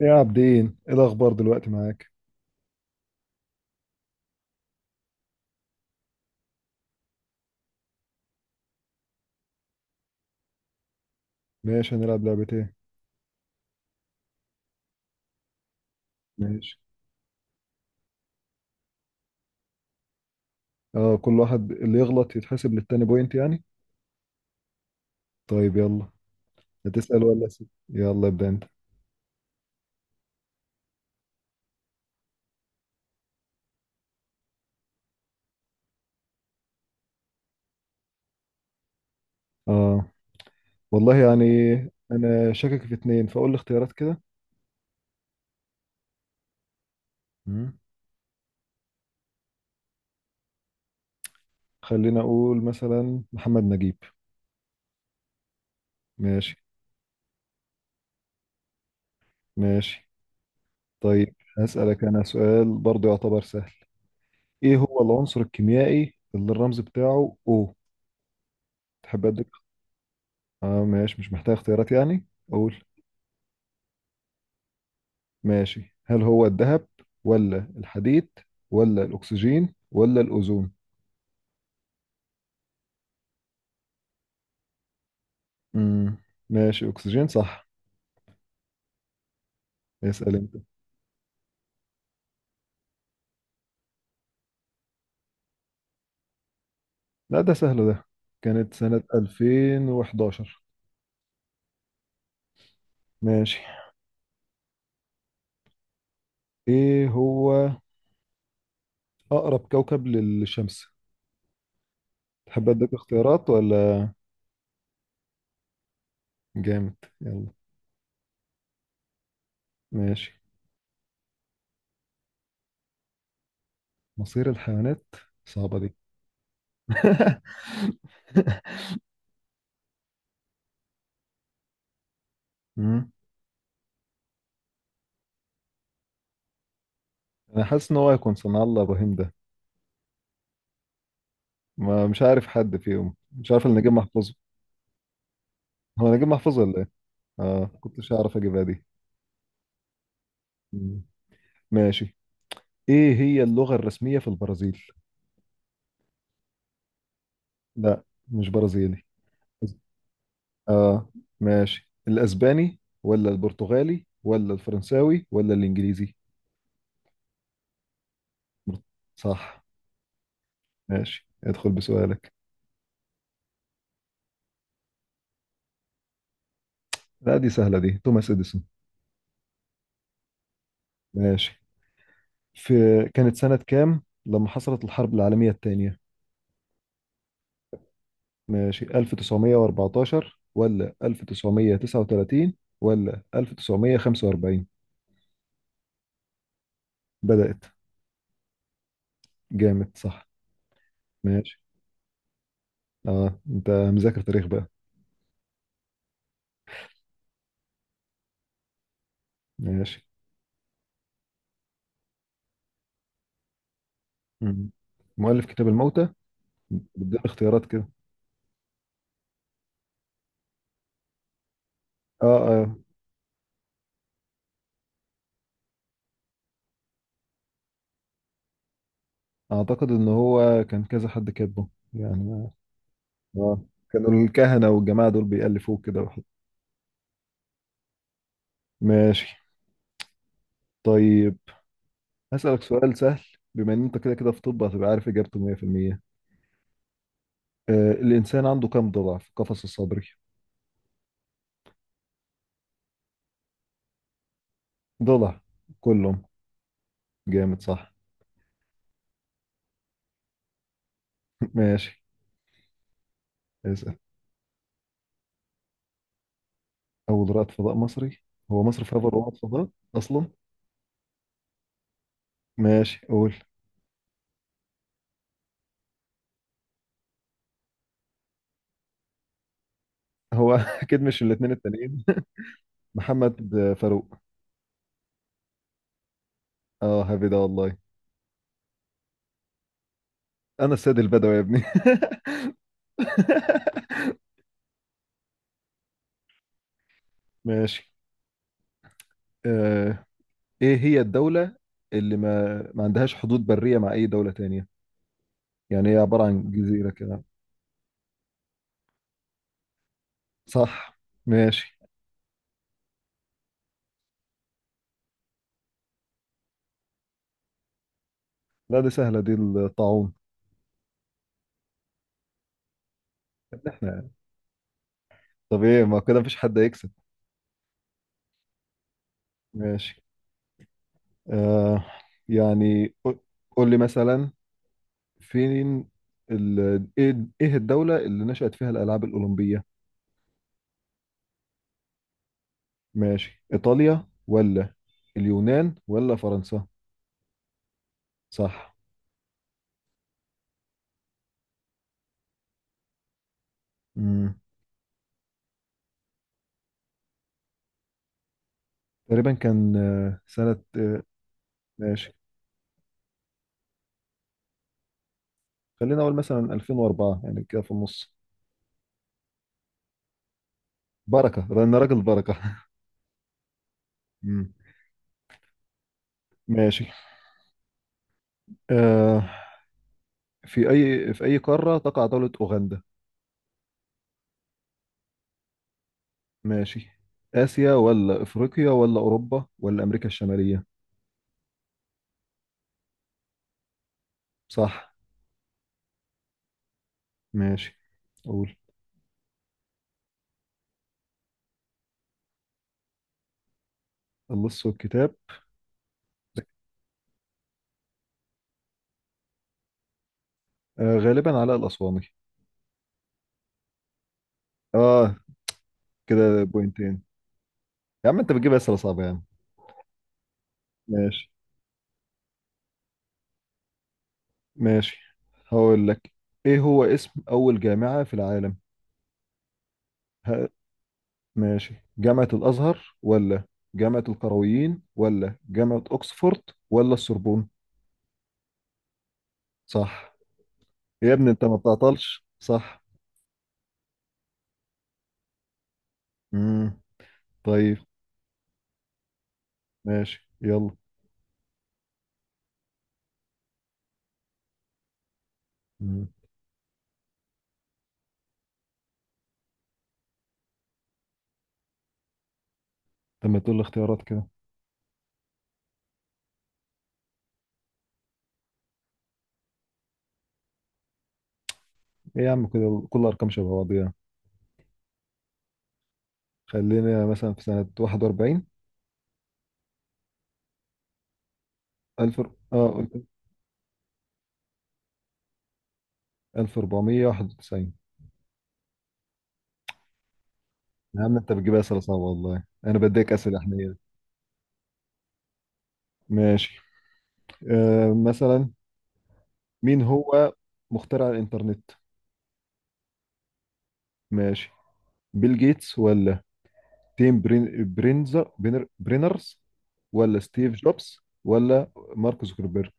يا عابدين، ايه الاخبار دلوقتي معاك؟ ماشي، هنلعب لعبة ايه؟ ماشي. اه، كل واحد اللي يغلط يتحسب للتاني بوينت يعني. طيب يلا. هتسأل ولا اسأل؟ يلا ابدأ انت. اه، والله يعني. انا شاكك في اتنين، فاقول لي اختيارات كده. مم. خلينا اقول مثلا محمد نجيب. ماشي. ماشي، طيب هسألك انا سؤال برضو يعتبر سهل. ايه هو العنصر الكيميائي اللي الرمز بتاعه او؟ تحب اديك؟ اه ماشي، مش محتاج اختيارات يعني. قول. ماشي، هل هو الذهب؟ ولا الحديد؟ ولا الأكسجين ولا الأوزون؟ امم ماشي، أكسجين صح. اسأل أنت. لا ده سهل ده، كانت سنة 2011. ماشي. إيه هو أقرب كوكب للشمس؟ تحب أديك اختيارات ولا؟ جامد، يلا. ماشي. مصير الحيوانات؟ صعبة دي. مم. أنا حاسس إن هو هيكون صنع الله إبراهيم ده. ما مش عارف حد فيهم، مش عارف إلا نجيب محفوظ. هو نجيب محفوظ ولا؟ اه، ما كنتش اعرف اجيبها دي. مم. ماشي. ايه هي اللغة الرسمية في البرازيل؟ لا مش برازيلي. اه ماشي، الاسباني ولا البرتغالي ولا الفرنساوي ولا الانجليزي؟ بر- صح. ماشي، ادخل بسؤالك. لا دي سهلة دي، توماس اديسون. ماشي. في كانت سنة كام لما حصلت الحرب العالمية الثانية؟ ماشي، 1914 ولا 1939 ولا 1945؟ بدأت. جامد صح. ماشي. اه انت مذاكر تاريخ بقى. ماشي. مم. مؤلف كتاب الموتى؟ بدي اختيارات كده. اه اه، اعتقد ان هو كان كذا حد كاتبه يعني. اه، كانوا الكهنة والجماعة دول بيألفوه كده وحد. ماشي. طيب هسألك سؤال سهل. بما ان انت كده كده في طب، هتبقى عارف اجابته 100%. آه، الانسان عنده كم ضلع في قفص الصدري؟ ضلع. كلهم. جامد صح. ماشي. اسأل. اول رائد فضاء مصري؟ هو مصر فيها رائد فضاء اصلا؟ ماشي، قول. هو اكيد مش الاثنين التانيين. محمد فاروق. اه، هذه ده والله. انا السيد البدوي يا ابني. ماشي. آه. ايه هي الدولة اللي ما عندهاش حدود برية مع اي دولة تانية؟ يعني هي عبارة عن جزيرة كده. صح. ماشي. لا دي سهلة دي، الطاعون. احنا يعني. طب ايه، ما كده مفيش حد هيكسب. ماشي. آه. يعني قول لي مثلا، فين ال... ايه، إيه الدولة اللي نشأت فيها الألعاب الأولمبية؟ ماشي، إيطاليا ولا اليونان ولا فرنسا؟ صح. امم تقريبا كان سنة ماشي. خلينا أقول مثلا 2004، يعني كده في النص. بركة، أنا راجل بركة. امم ماشي. آه، في أي قارة تقع دولة أوغندا؟ ماشي، آسيا ولا أفريقيا ولا أوروبا ولا أمريكا الشمالية؟ صح. ماشي. أقول. اللص والكتاب؟ آه، غالبا علاء الأسواني. آه، كده بوينتين. يا عم، أنت بتجيب أسئلة صعبة يا عم. ماشي. ماشي، هقول لك. ايه هو اسم اول جامعة في العالم؟ ها. ماشي، جامعة الازهر ولا جامعة القرويين ولا جامعة اوكسفورد ولا السوربون؟ صح. يا ابني انت ما بتعطلش صح. امم طيب. ماشي يلا. امم لما تقول لي اختيارات كده. ايه يا عم، كده كل ارقام شبه بعضيها. خلينا مثلا في سنة 41، 1000. اه، قلت 1491. يا عم انت بتجيبها اسئله صعبه، والله انا بديك اسئله احنا يعني. ماشي. آه، مثلا مين هو مخترع الإنترنت؟ ماشي، بيل جيتس ولا تيم برين برينزر برينر برينرز ولا ستيف جوبز ولا مارك زوكربيرج؟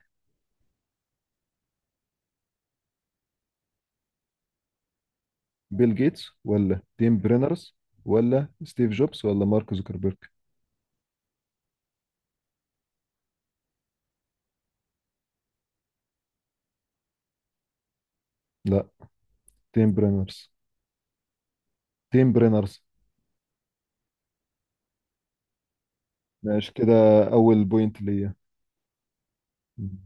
بيل جيتس ولا تيم برينرز ولا ستيف جوبز ولا مارك زوكربيرج؟ لا، تيم برينرز. تيم برينرز. ماشي كده، أول بوينت ليا. مم.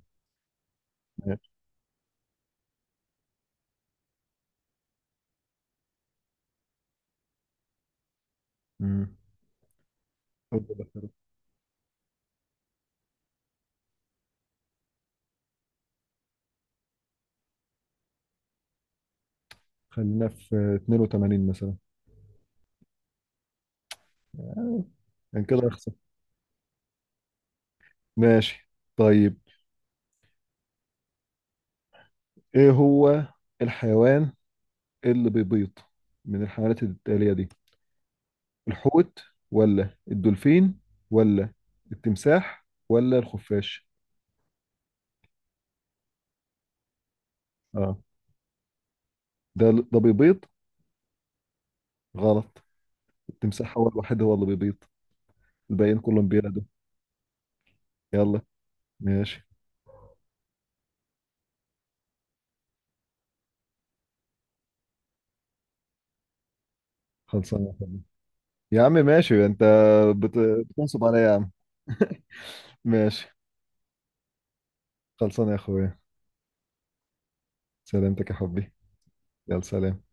ماشي. مم. أول الاختيارات. خلينا في 82 مثلا، يعني كده أخسر. ماشي. طيب إيه هو الحيوان، إيه اللي بيبيض من الحيوانات التالية دي؟ الحوت ولا الدولفين ولا التمساح ولا الخفاش؟ اه، ده ده بيبيض. غلط، التمساح هو الوحيد هو اللي بيبيض. الباقيين كلهم بينادوا. يلا، ماشي. خلصانة يا حبيبي. يا عم ماشي انت، بت... بتنصب عليا يا عم. ماشي. خلصانة يا اخويا. سلامتك يا حبي. يلا، سلام.